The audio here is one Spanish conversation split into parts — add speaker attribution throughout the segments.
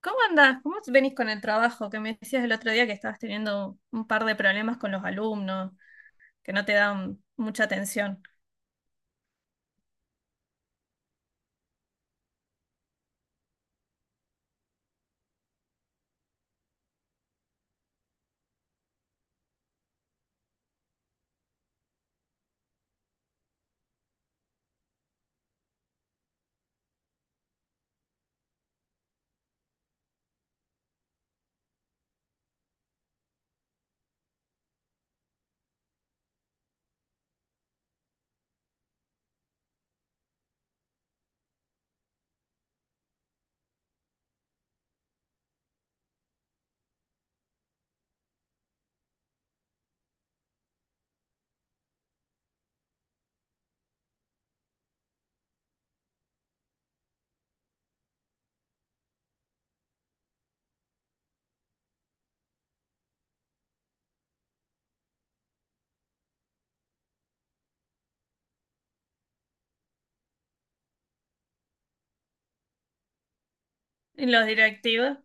Speaker 1: ¿Cómo andás? ¿Cómo venís con el trabajo? Que me decías el otro día que estabas teniendo un par de problemas con los alumnos, que no te dan mucha atención. ¿Y los directivos?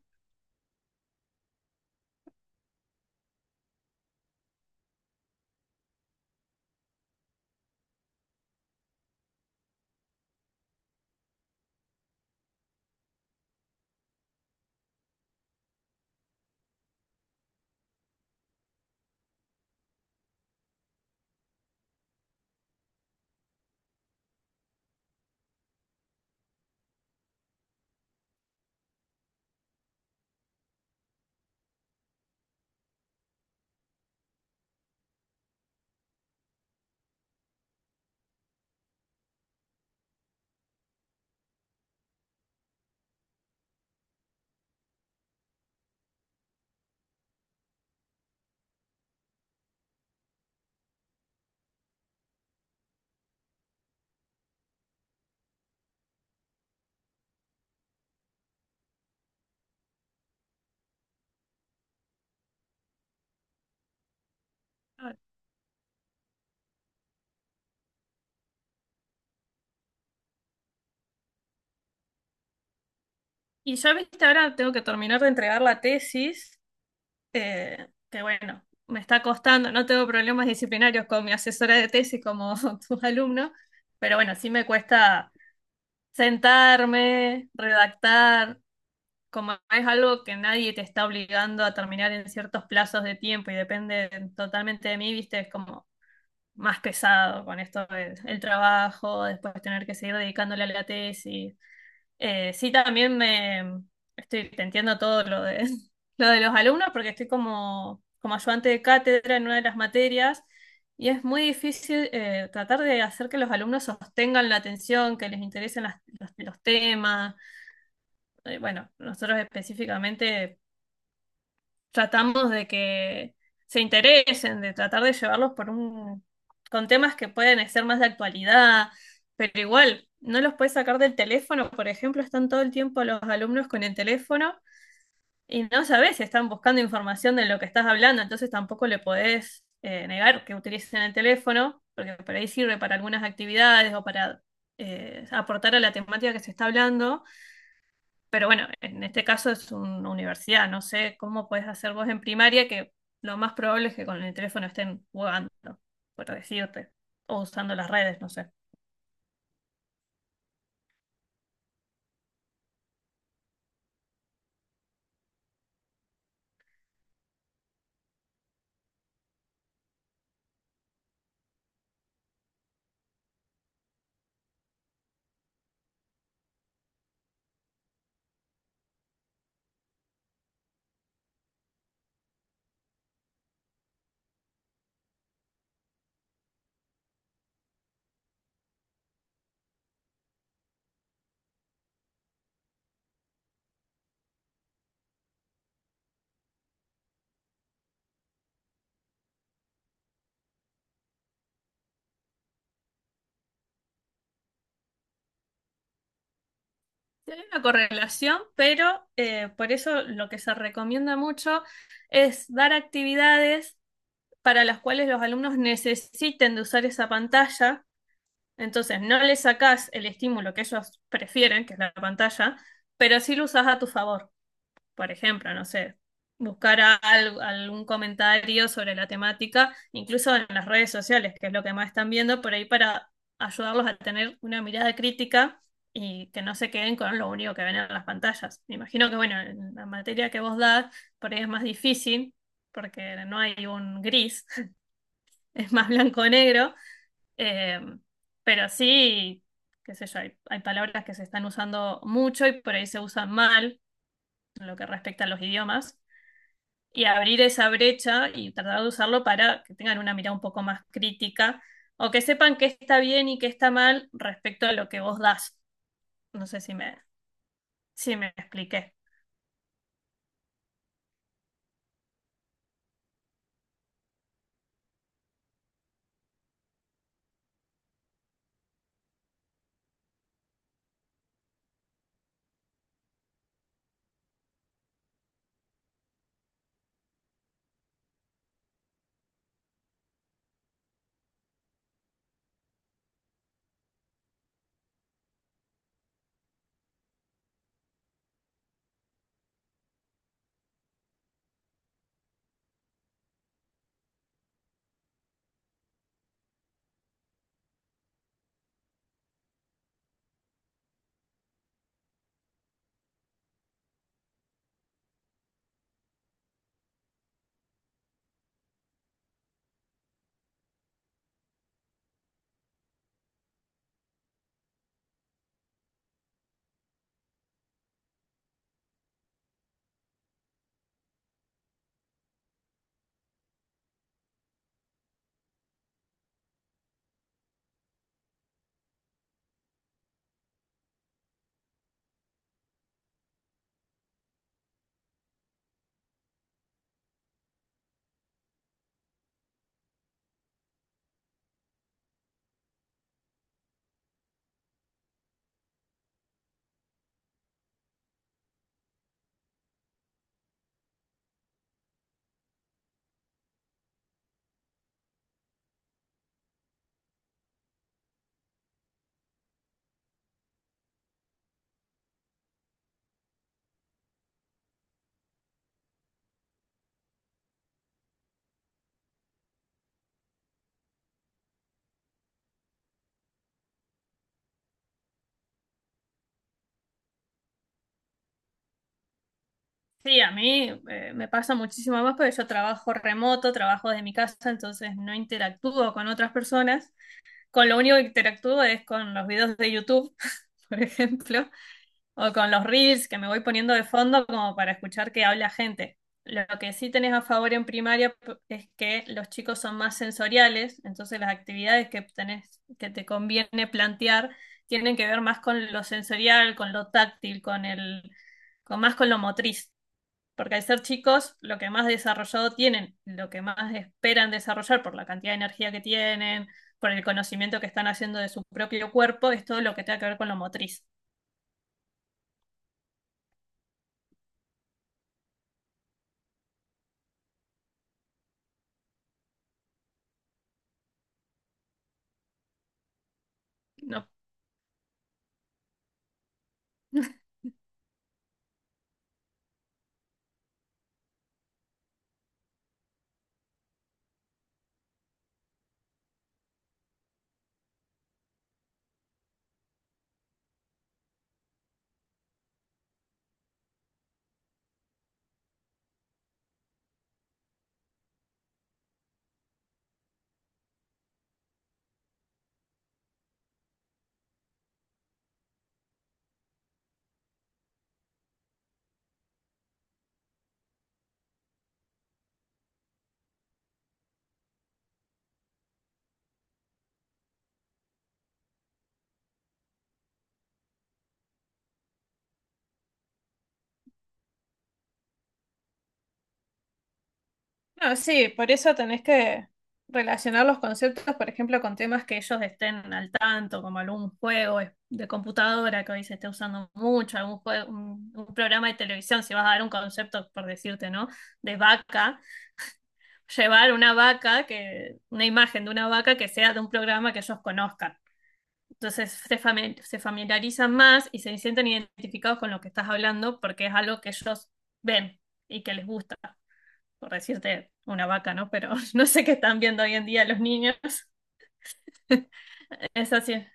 Speaker 1: Ah. Y yo, viste, ahora tengo que terminar de entregar la tesis, que bueno, me está costando. No tengo problemas disciplinarios con mi asesora de tesis como tus alumnos, pero bueno, sí me cuesta sentarme, redactar. Como es algo que nadie te está obligando a terminar en ciertos plazos de tiempo y depende totalmente de mí, viste, es como más pesado con esto del el trabajo, después tener que seguir dedicándole a la tesis. Sí, también me estoy, te entiendo todo lo de, lo de los alumnos porque estoy como, como ayudante de cátedra en una de las materias. Y es muy difícil tratar de hacer que los alumnos sostengan la atención, que les interesen los temas. Bueno, nosotros específicamente tratamos de que se interesen, de tratar de llevarlos por con temas que pueden ser más de actualidad, pero igual, no los puedes sacar del teléfono. Por ejemplo, están todo el tiempo los alumnos con el teléfono y no sabes si están buscando información de lo que estás hablando, entonces tampoco le podés negar que utilicen el teléfono, porque por ahí sirve para algunas actividades o para aportar a la temática que se está hablando. Pero bueno, en este caso es una universidad, no sé cómo puedes hacer vos en primaria, que lo más probable es que con el teléfono estén jugando, por decirte, o usando las redes, no sé. Sí, hay una correlación, pero por eso lo que se recomienda mucho es dar actividades para las cuales los alumnos necesiten de usar esa pantalla. Entonces, no le sacás el estímulo que ellos prefieren, que es la pantalla, pero sí lo usás a tu favor. Por ejemplo, no sé, buscar algún comentario sobre la temática, incluso en las redes sociales, que es lo que más están viendo, por ahí para ayudarlos a tener una mirada crítica y que no se queden con lo único que ven en las pantallas. Me imagino que, bueno, en la materia que vos das, por ahí es más difícil, porque no hay un gris, es más blanco o negro, eh, pero sí, qué sé yo, hay palabras que se están usando mucho y por ahí se usan mal en lo que respecta a los idiomas, y abrir esa brecha y tratar de usarlo para que tengan una mirada un poco más crítica o que sepan qué está bien y qué está mal respecto a lo que vos das. No sé si me, si me expliqué. Sí, a mí me pasa muchísimo más porque yo trabajo remoto, trabajo desde mi casa, entonces no interactúo con otras personas. Con lo único que interactúo es con los videos de YouTube, por ejemplo. O con los reels que me voy poniendo de fondo como para escuchar que habla gente. Lo que sí tenés a favor en primaria es que los chicos son más sensoriales, entonces las actividades que tenés, que te conviene plantear, tienen que ver más con lo sensorial, con lo táctil, con el, con más con lo motriz. Porque al ser chicos, lo que más desarrollado tienen, lo que más esperan desarrollar por la cantidad de energía que tienen, por el conocimiento que están haciendo de su propio cuerpo, es todo lo que tenga que ver con lo motriz. No. No, sí, por eso tenés que relacionar los conceptos, por ejemplo, con temas que ellos estén al tanto, como algún juego de computadora que hoy se esté usando mucho, algún un programa de televisión. Si vas a dar un concepto, por decirte, ¿no? De vaca, llevar una vaca, que, una imagen de una vaca que sea de un programa que ellos conozcan. Entonces se se familiarizan más y se sienten identificados con lo que estás hablando porque es algo que ellos ven y que les gusta, por decirte una vaca, ¿no? Pero no sé qué están viendo hoy en día los niños. Es así.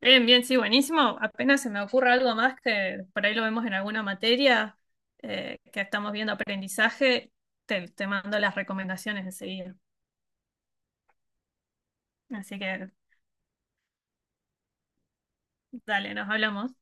Speaker 1: Bien, bien, sí, buenísimo. Apenas se me ocurre algo más que por ahí lo vemos en alguna materia, que estamos viendo aprendizaje, te mando las recomendaciones enseguida. Así que dale, nos hablamos.